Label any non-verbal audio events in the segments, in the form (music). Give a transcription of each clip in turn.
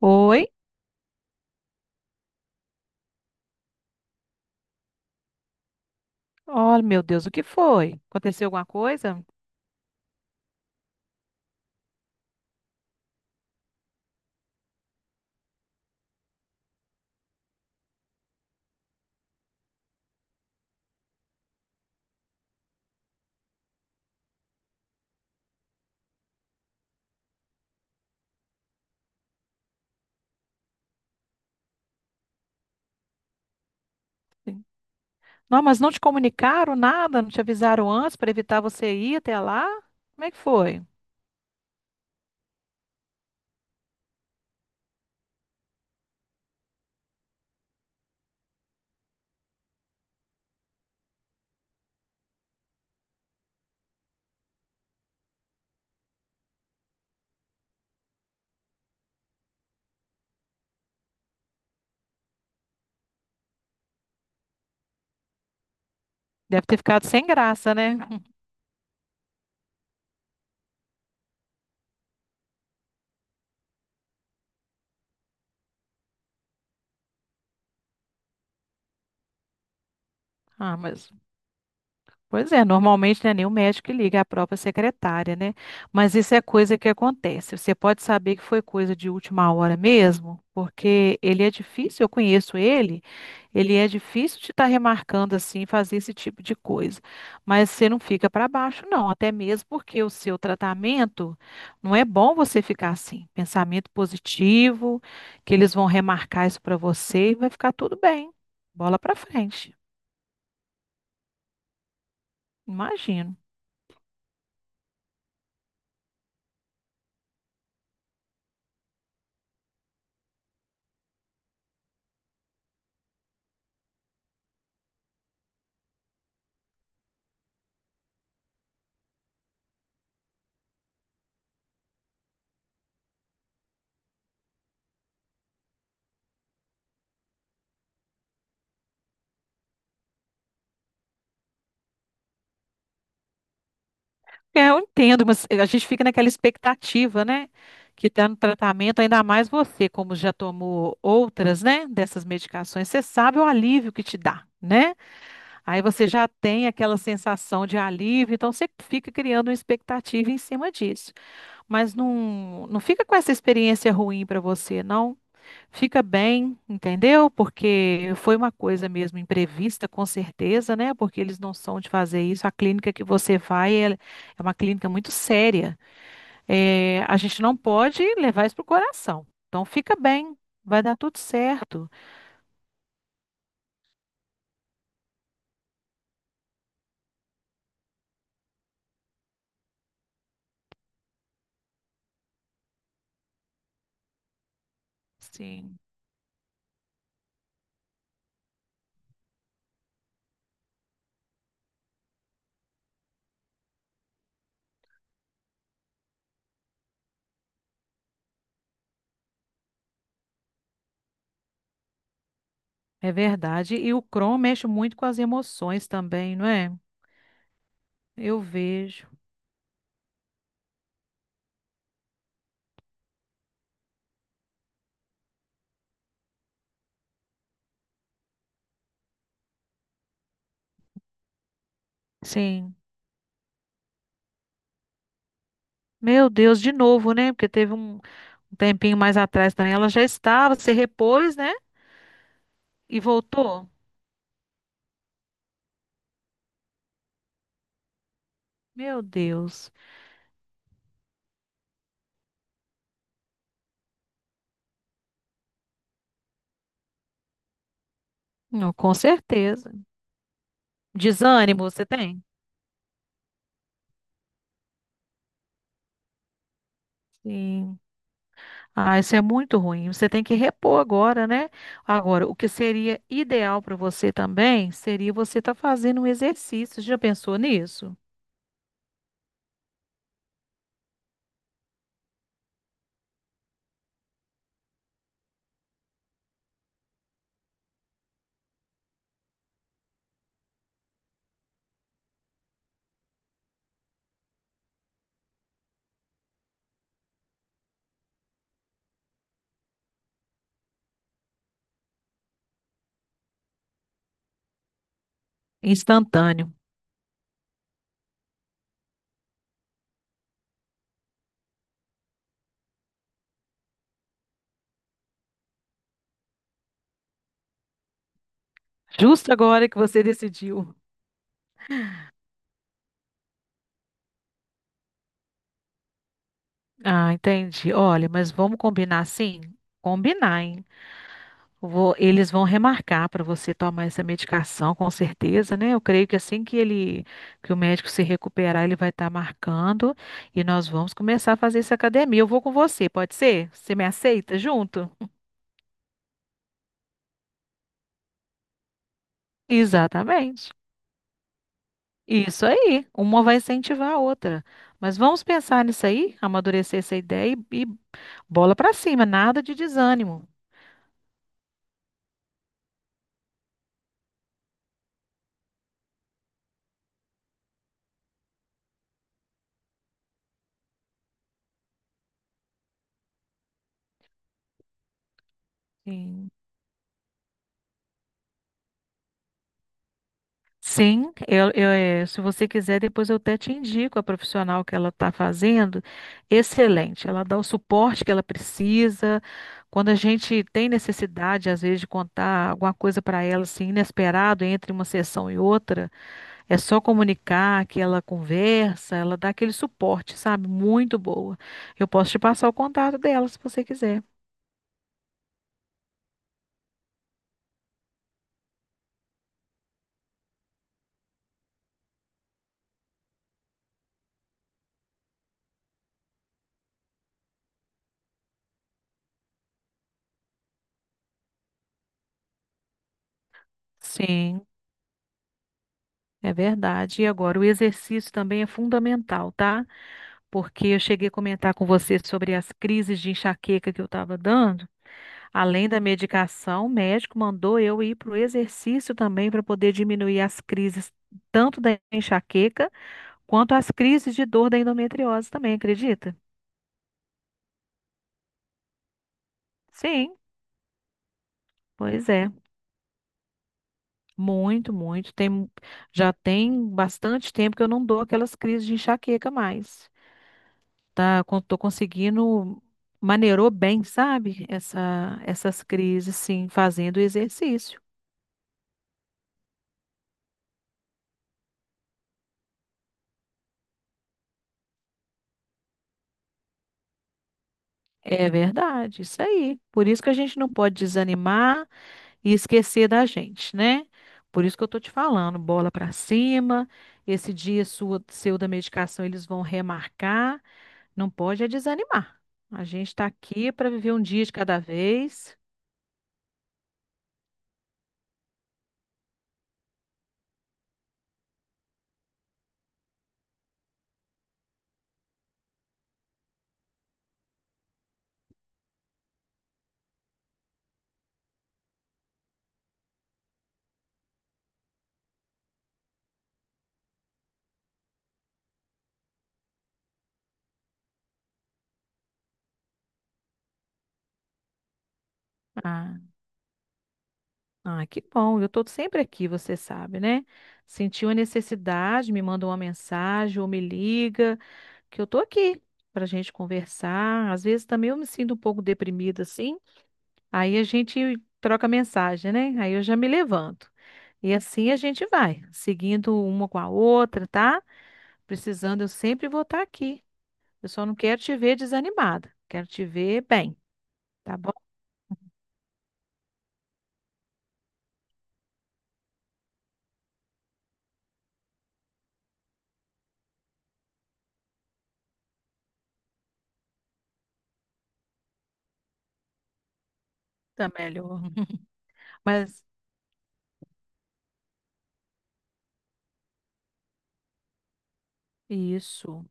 Oi? Oh, meu Deus, o que foi? Aconteceu alguma coisa? Sim. Não, mas não te comunicaram nada, não te avisaram antes para evitar você ir até lá? Como é que foi? Deve ter ficado sem graça, né? (laughs) Ah, mas Pois é, normalmente não é nem o médico que liga, é a própria secretária, né? Mas isso é coisa que acontece. Você pode saber que foi coisa de última hora mesmo, porque ele é difícil, eu conheço ele, ele é difícil de estar remarcando assim, fazer esse tipo de coisa. Mas você não fica para baixo, não, até mesmo porque o seu tratamento não é bom você ficar assim. Pensamento positivo, que eles vão remarcar isso para você e vai ficar tudo bem. Bola para frente, imagino. É, eu entendo, mas a gente fica naquela expectativa, né? Que está no tratamento, ainda mais você, como já tomou outras, né? Dessas medicações, você sabe o alívio que te dá, né? Aí você já tem aquela sensação de alívio, então você fica criando uma expectativa em cima disso. Mas não, não fica com essa experiência ruim para você, não. Fica bem, entendeu? Porque foi uma coisa mesmo imprevista, com certeza, né? Porque eles não são de fazer isso. A clínica que você vai é uma clínica muito séria. É, a gente não pode levar isso pro coração. Então, fica bem, vai dar tudo certo. Sim, é verdade. E o Crohn mexe muito com as emoções também, não é? Eu vejo. Sim. Meu Deus, de novo, né? Porque teve um tempinho mais atrás também. Ela já estava, se repôs, né? E voltou. Meu Deus. Não, com certeza. Desânimo você tem? Sim. Ah, isso é muito ruim. Você tem que repor agora, né? Agora, o que seria ideal para você também seria você estar fazendo um exercício. Já pensou nisso? Instantâneo. Justo agora que você decidiu. Ah, entendi. Olha, mas vamos combinar sim? Combinar, hein? Eles vão remarcar para você tomar essa medicação, com certeza, né? Eu creio que assim que ele, que o médico se recuperar, ele vai estar marcando e nós vamos começar a fazer essa academia. Eu vou com você, pode ser? Você me aceita junto? Exatamente. Isso aí. Uma vai incentivar a outra. Mas vamos pensar nisso aí, amadurecer essa ideia e bola para cima, nada de desânimo. Sim. Sim, eu, se você quiser, depois eu até te indico a profissional que ela está fazendo. Excelente, ela dá o suporte que ela precisa. Quando a gente tem necessidade, às vezes, de contar alguma coisa para ela, assim, inesperado, entre uma sessão e outra, é só comunicar que ela conversa, ela dá aquele suporte, sabe? Muito boa. Eu posso te passar o contato dela, se você quiser. Sim, é verdade. E agora, o exercício também é fundamental, tá? Porque eu cheguei a comentar com você sobre as crises de enxaqueca que eu estava dando. Além da medicação, o médico mandou eu ir para o exercício também para poder diminuir as crises, tanto da enxaqueca quanto as crises de dor da endometriose também, acredita? Sim, pois é. Muito, muito. Já tem bastante tempo que eu não dou aquelas crises de enxaqueca mais. Tá, tô conseguindo maneirou bem, sabe? Essas crises, sim, fazendo exercício. É verdade, isso aí. Por isso que a gente não pode desanimar e esquecer da gente, né? Por isso que eu tô te falando, bola pra cima. Esse dia seu da medicação eles vão remarcar. Não pode é desanimar. A gente tá aqui para viver um dia de cada vez. Ah, ah, que bom. Eu tô sempre aqui, você sabe, né? Sentiu a necessidade, me manda uma mensagem ou me liga, que eu tô aqui pra gente conversar. Às vezes também eu me sinto um pouco deprimida assim. Aí a gente troca mensagem, né? Aí eu já me levanto. E assim a gente vai, seguindo uma com a outra, tá? Precisando, eu sempre vou estar aqui. Eu só não quero te ver desanimada. Quero te ver bem, tá bom? Tá melhor. Mas isso,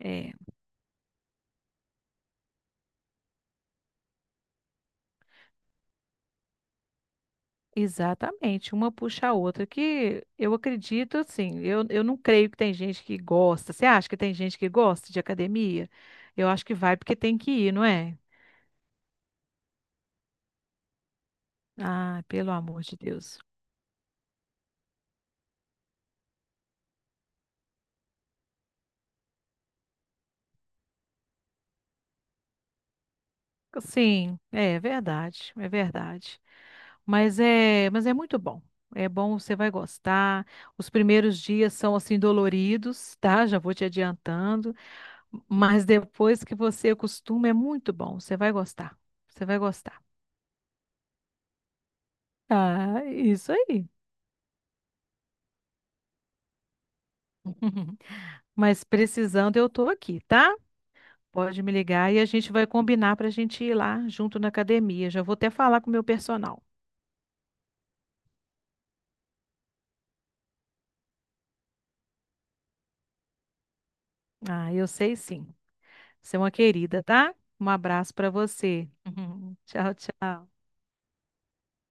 é. Exatamente, uma puxa a outra, que eu acredito assim, eu não creio que tem gente que gosta. Você acha que tem gente que gosta de academia? Eu acho que vai porque tem que ir, não é? Ah, pelo amor de Deus. Sim, é verdade, é verdade. Mas é muito bom. É bom, você vai gostar. Os primeiros dias são assim doloridos, tá? Já vou te adiantando, mas depois que você acostuma é muito bom, você vai gostar. Você vai gostar. Ah, isso aí. (laughs) Mas precisando, eu tô aqui, tá? Pode me ligar e a gente vai combinar para a gente ir lá junto na academia. Já vou até falar com o meu personal. Ah, eu sei sim. Você é uma querida, tá? Um abraço para você. (laughs) Tchau, tchau.